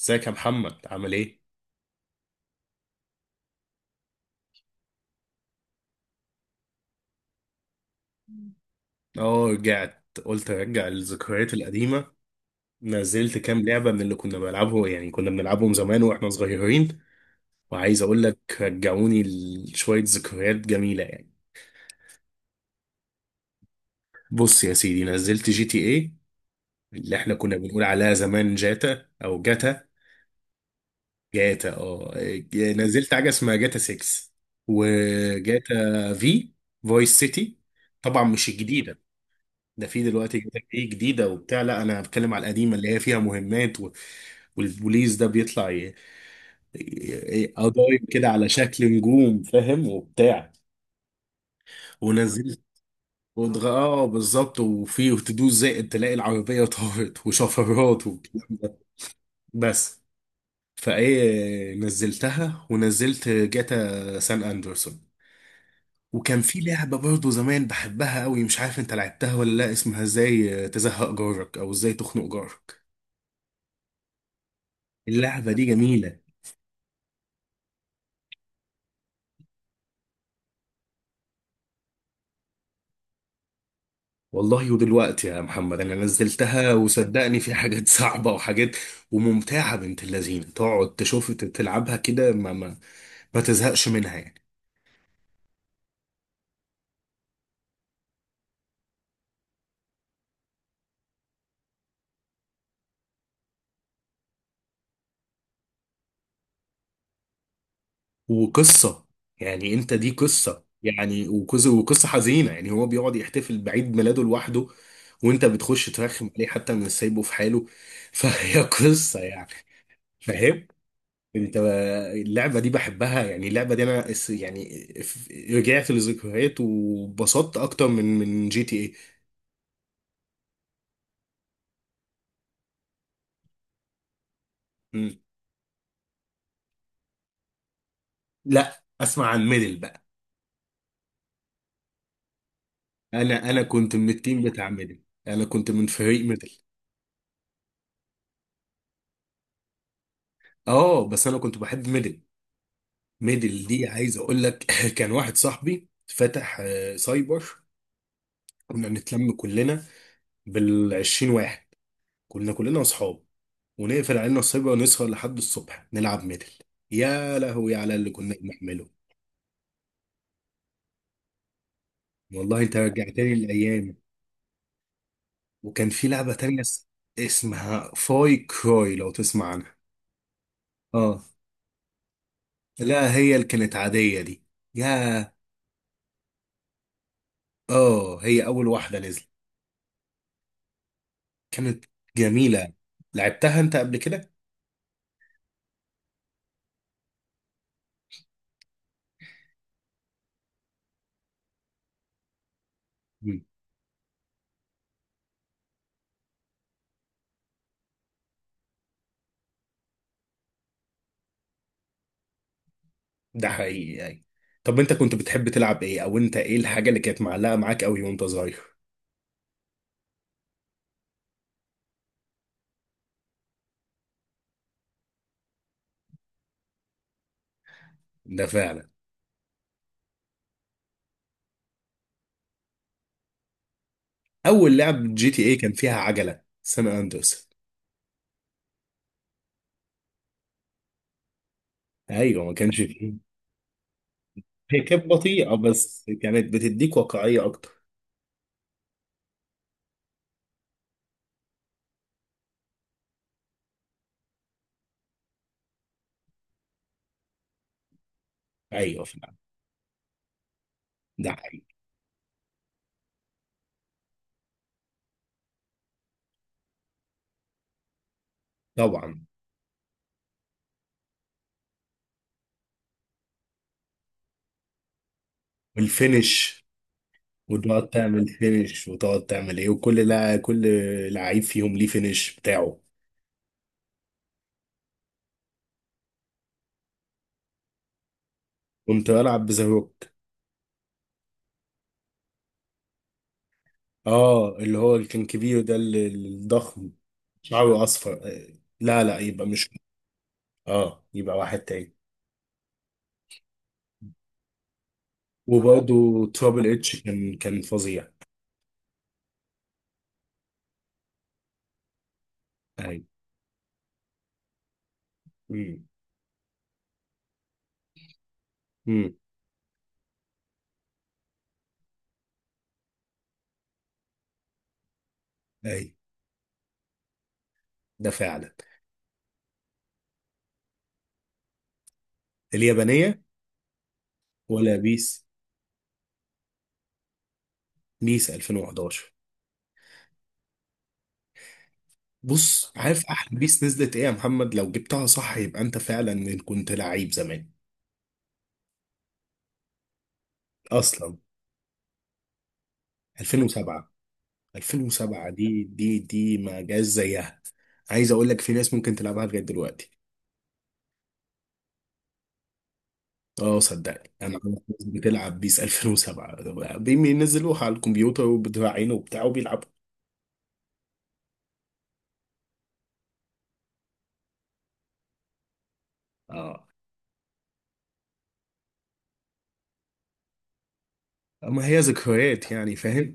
ازيك يا محمد، عامل ايه؟ اه، رجعت، قلت ارجع الذكريات القديمة. نزلت كام لعبة من اللي كنا بنلعبه، يعني كنا بنلعبهم زمان واحنا صغيرين. وعايز اقول لك رجعوني لشوية ذكريات جميلة يعني. بص يا سيدي، نزلت جي تي ايه، اللي احنا كنا بنقول عليها زمان جاتا او جاتا. جاتا، اه. نزلت حاجة اسمها جاتا 6، وجاتا في فويس سيتي. طبعا مش الجديدة. ده في دلوقتي جايبك ايه جديده وبتاع، لا، انا بتكلم على القديمه اللي هي فيها مهمات و... والبوليس ده بيطلع قضايم كده على شكل نجوم، فاهم وبتاع. ونزلت، اه بالظبط، وفي تدوس زائد تلاقي العربيه طارت وشفرات و... بس. فايه نزلتها، ونزلت جاتا سان اندرسون. وكان في لعبه برضه زمان بحبها قوي، مش عارف انت لعبتها ولا لا، اسمها ازاي تزهق جارك، او ازاي تخنق جارك. اللعبة دي جميلة. والله ودلوقتي يا محمد انا نزلتها، وصدقني، في حاجات صعبه، وحاجات وممتعه بنت اللذينه، تقعد تشوف تلعبها كده، ما تزهقش منها يعني. وقصه. يعني انت دي قصه يعني، وقصه حزينه يعني، هو بيقعد يحتفل بعيد ميلاده لوحده، وانت بتخش ترخم عليه، حتى من سايبه في حاله. فهي قصه يعني. فاهم انت؟ اللعبه دي بحبها يعني، اللعبه دي انا رجعت لذكريات، وبسطت اكتر من جي تي اي. مم. لا، اسمع عن ميدل بقى. انا كنت من التيم بتاع ميدل، انا كنت من فريق ميدل. اه، بس انا كنت بحب ميدل. ميدل دي عايز اقول لك كان واحد صاحبي فتح سايبر. كنا نتلم كلنا بال20 واحد، كنا كلنا اصحاب، ونقفل علينا السايبر ونسهر لحد الصبح نلعب ميدل. يا لهوي على اللي كنا بنعمله. والله انت رجعتني للايام. وكان في لعبه تانية اسمها فاي كروي، لو تسمع عنها. اه. لا، هي اللي كانت عاديه دي. يا اه، هي اول واحده نزلت، كانت جميله. لعبتها انت قبل كده؟ مم. ده حقيقي يعني. طب انت كنت بتحب تلعب ايه، او انت ايه الحاجه اللي كانت معلقه معاك قوي وانت صغير؟ ده فعلا. اول لعب جي تي ايه كان فيها عجله، سان اندرس. ايوه، ما كانش فيه. هي كانت بطيئه، بس كانت بتديك واقعيه اكتر. ايوه. ده حقيقي طبعا. والفينش. وتقعد تعمل فينش، وتقعد تعمل ايه، وكل لا كل لعيب فيهم ليه فينش بتاعه. كنت بلعب بزاروك. اه، اللي هو اللي كان كبير ده، الضخم. شعره اصفر، لا لا، يبقى مش. اه، يبقى واحد تاني. وبرضه ترابل اتش كان فظيع. اي. امم. امم. اي. ده فعلا. اليابانية. ولا بيس، بيس 2011. بص، عارف احلى بيس نزلت ايه يا محمد؟ لو جبتها صح يبقى انت فعلا كنت لعيب زمان. اصلا 2007. 2007، دي ما جاش زيها. عايز اقول لك في ناس ممكن تلعبها لغايه دلوقتي. اه، صدقني انا عارف ناس بتلعب بيس 2007، بينزلوها على الكمبيوتر وبتراعينه وبتاع وبيلعبوا. اه، ما هي ذكريات يعني، فاهم.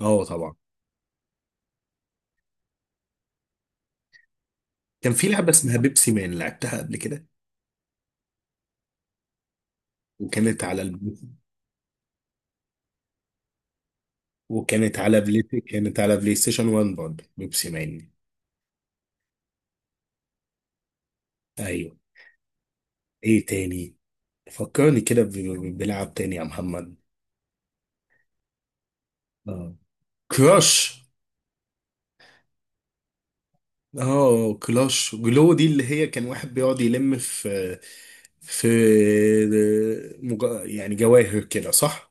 اه، طبعا. كان في لعبه اسمها بيبسي مان، لعبتها قبل كده. وكانت على، وكانت على بلاي كانت على بلاي ستيشن 1 برضه، بيبسي مان. ايوه. ايه تاني؟ فكرني كده بلعب تاني يا محمد. اه، كراش. اه، كلاش جلو دي، اللي هي كان واحد بيقعد يلم في يعني جواهر كده، صح.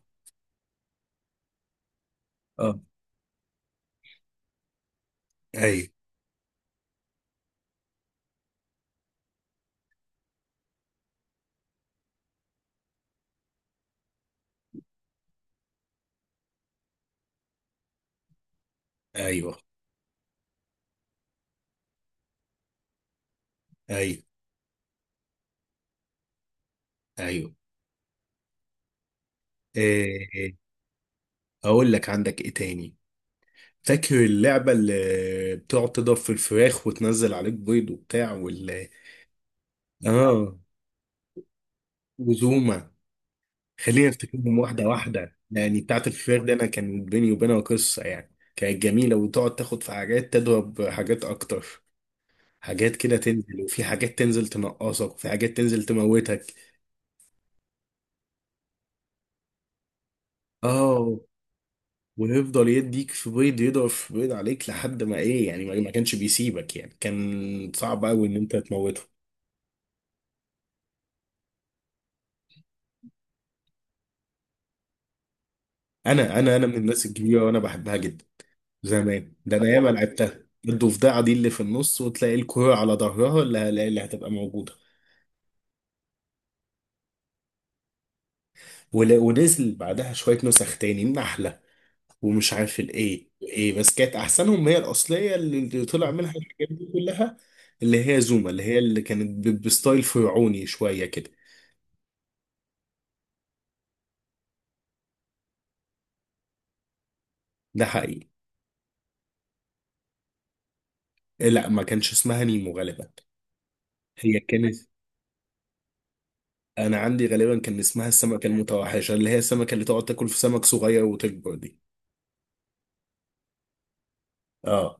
اه. ايوه. ايوه، ايوه، ايوه، إيه، اقول لك عندك ايه تاني. فاكر اللعبة اللي بتقعد تضرب في الفراخ وتنزل عليك بيض وبتاع وال... اه، وزوما. خلينا نفتكرهم واحدة واحدة. يعني بتاعة الفراخ دي، أنا كان بيني وبينها قصة يعني، كانت جميلة، وتقعد تاخد في حاجات، تضرب حاجات أكتر. حاجات كده تنزل، وفي حاجات تنزل تنقصك، وفي حاجات تنزل تموتك. اه. ويفضل يديك في بيض، يضرب في بيض عليك لحد ما ايه يعني، ما كانش بيسيبك يعني، كان صعب قوي ان انت تموته. انا من الناس الكبيره، وانا بحبها جدا. زمان ده انا ياما لعبتها. الضفدعه دي اللي في النص، وتلاقي الكوره على ظهرها اللي هتبقى موجوده. ونزل بعدها شوية نسخ تاني، النحلة، ومش عارف الايه ايه، بس كانت احسنهم هي الاصلية، اللي طلع منها الحاجات دي كلها. اللي هي زوما، اللي كانت بستايل فرعوني شوية كده. ده حقيقي. لا، ما كانش اسمها نيمو غالبا. هي كانت. انا عندي غالبا كان اسمها السمكة المتوحشة، اللي هي السمكة اللي تقعد تاكل في سمك صغير وتكبر دي. اه.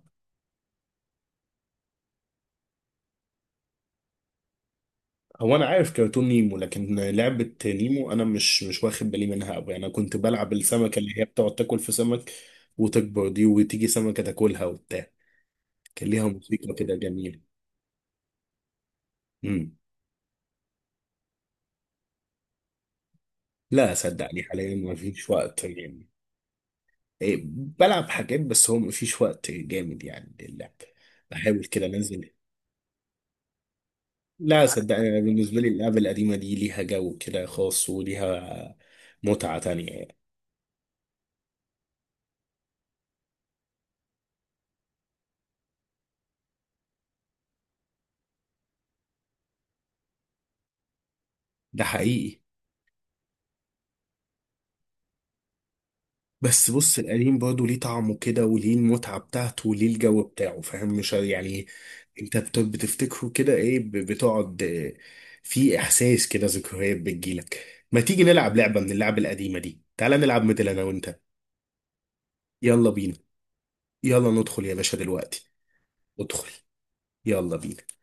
هو انا عارف كرتون نيمو، لكن لعبة نيمو انا مش واخد بالي منها قوي. انا كنت بلعب السمكة اللي هي بتقعد تاكل في سمك وتكبر دي، وتيجي سمكة تاكلها وبتاع. كان ليها موسيقى كده جميلة. امم. لا، صدقني، حاليا ما فيش وقت يعني. إيه، بلعب حاجات، بس هو ما فيش وقت جامد يعني للعب. بحاول كده انزل. لا، صدقني، أنا بالنسبة لي اللعبة القديمة دي ليها جو كده خاص، وليها متعة تانية يعني. ده حقيقي. بس بص، القديم برضه ليه طعمه كده، وليه المتعة بتاعته، وليه الجو بتاعه، فاهم، مش يعني. انت بتفتكره كده، ايه بتقعد، في احساس كده، ذكريات بتجيلك. ما تيجي نلعب لعبة من اللعب القديمة دي، تعالى نلعب مثل انا وانت. يلا بينا. يلا ندخل يا باشا دلوقتي. ادخل. يلا بينا.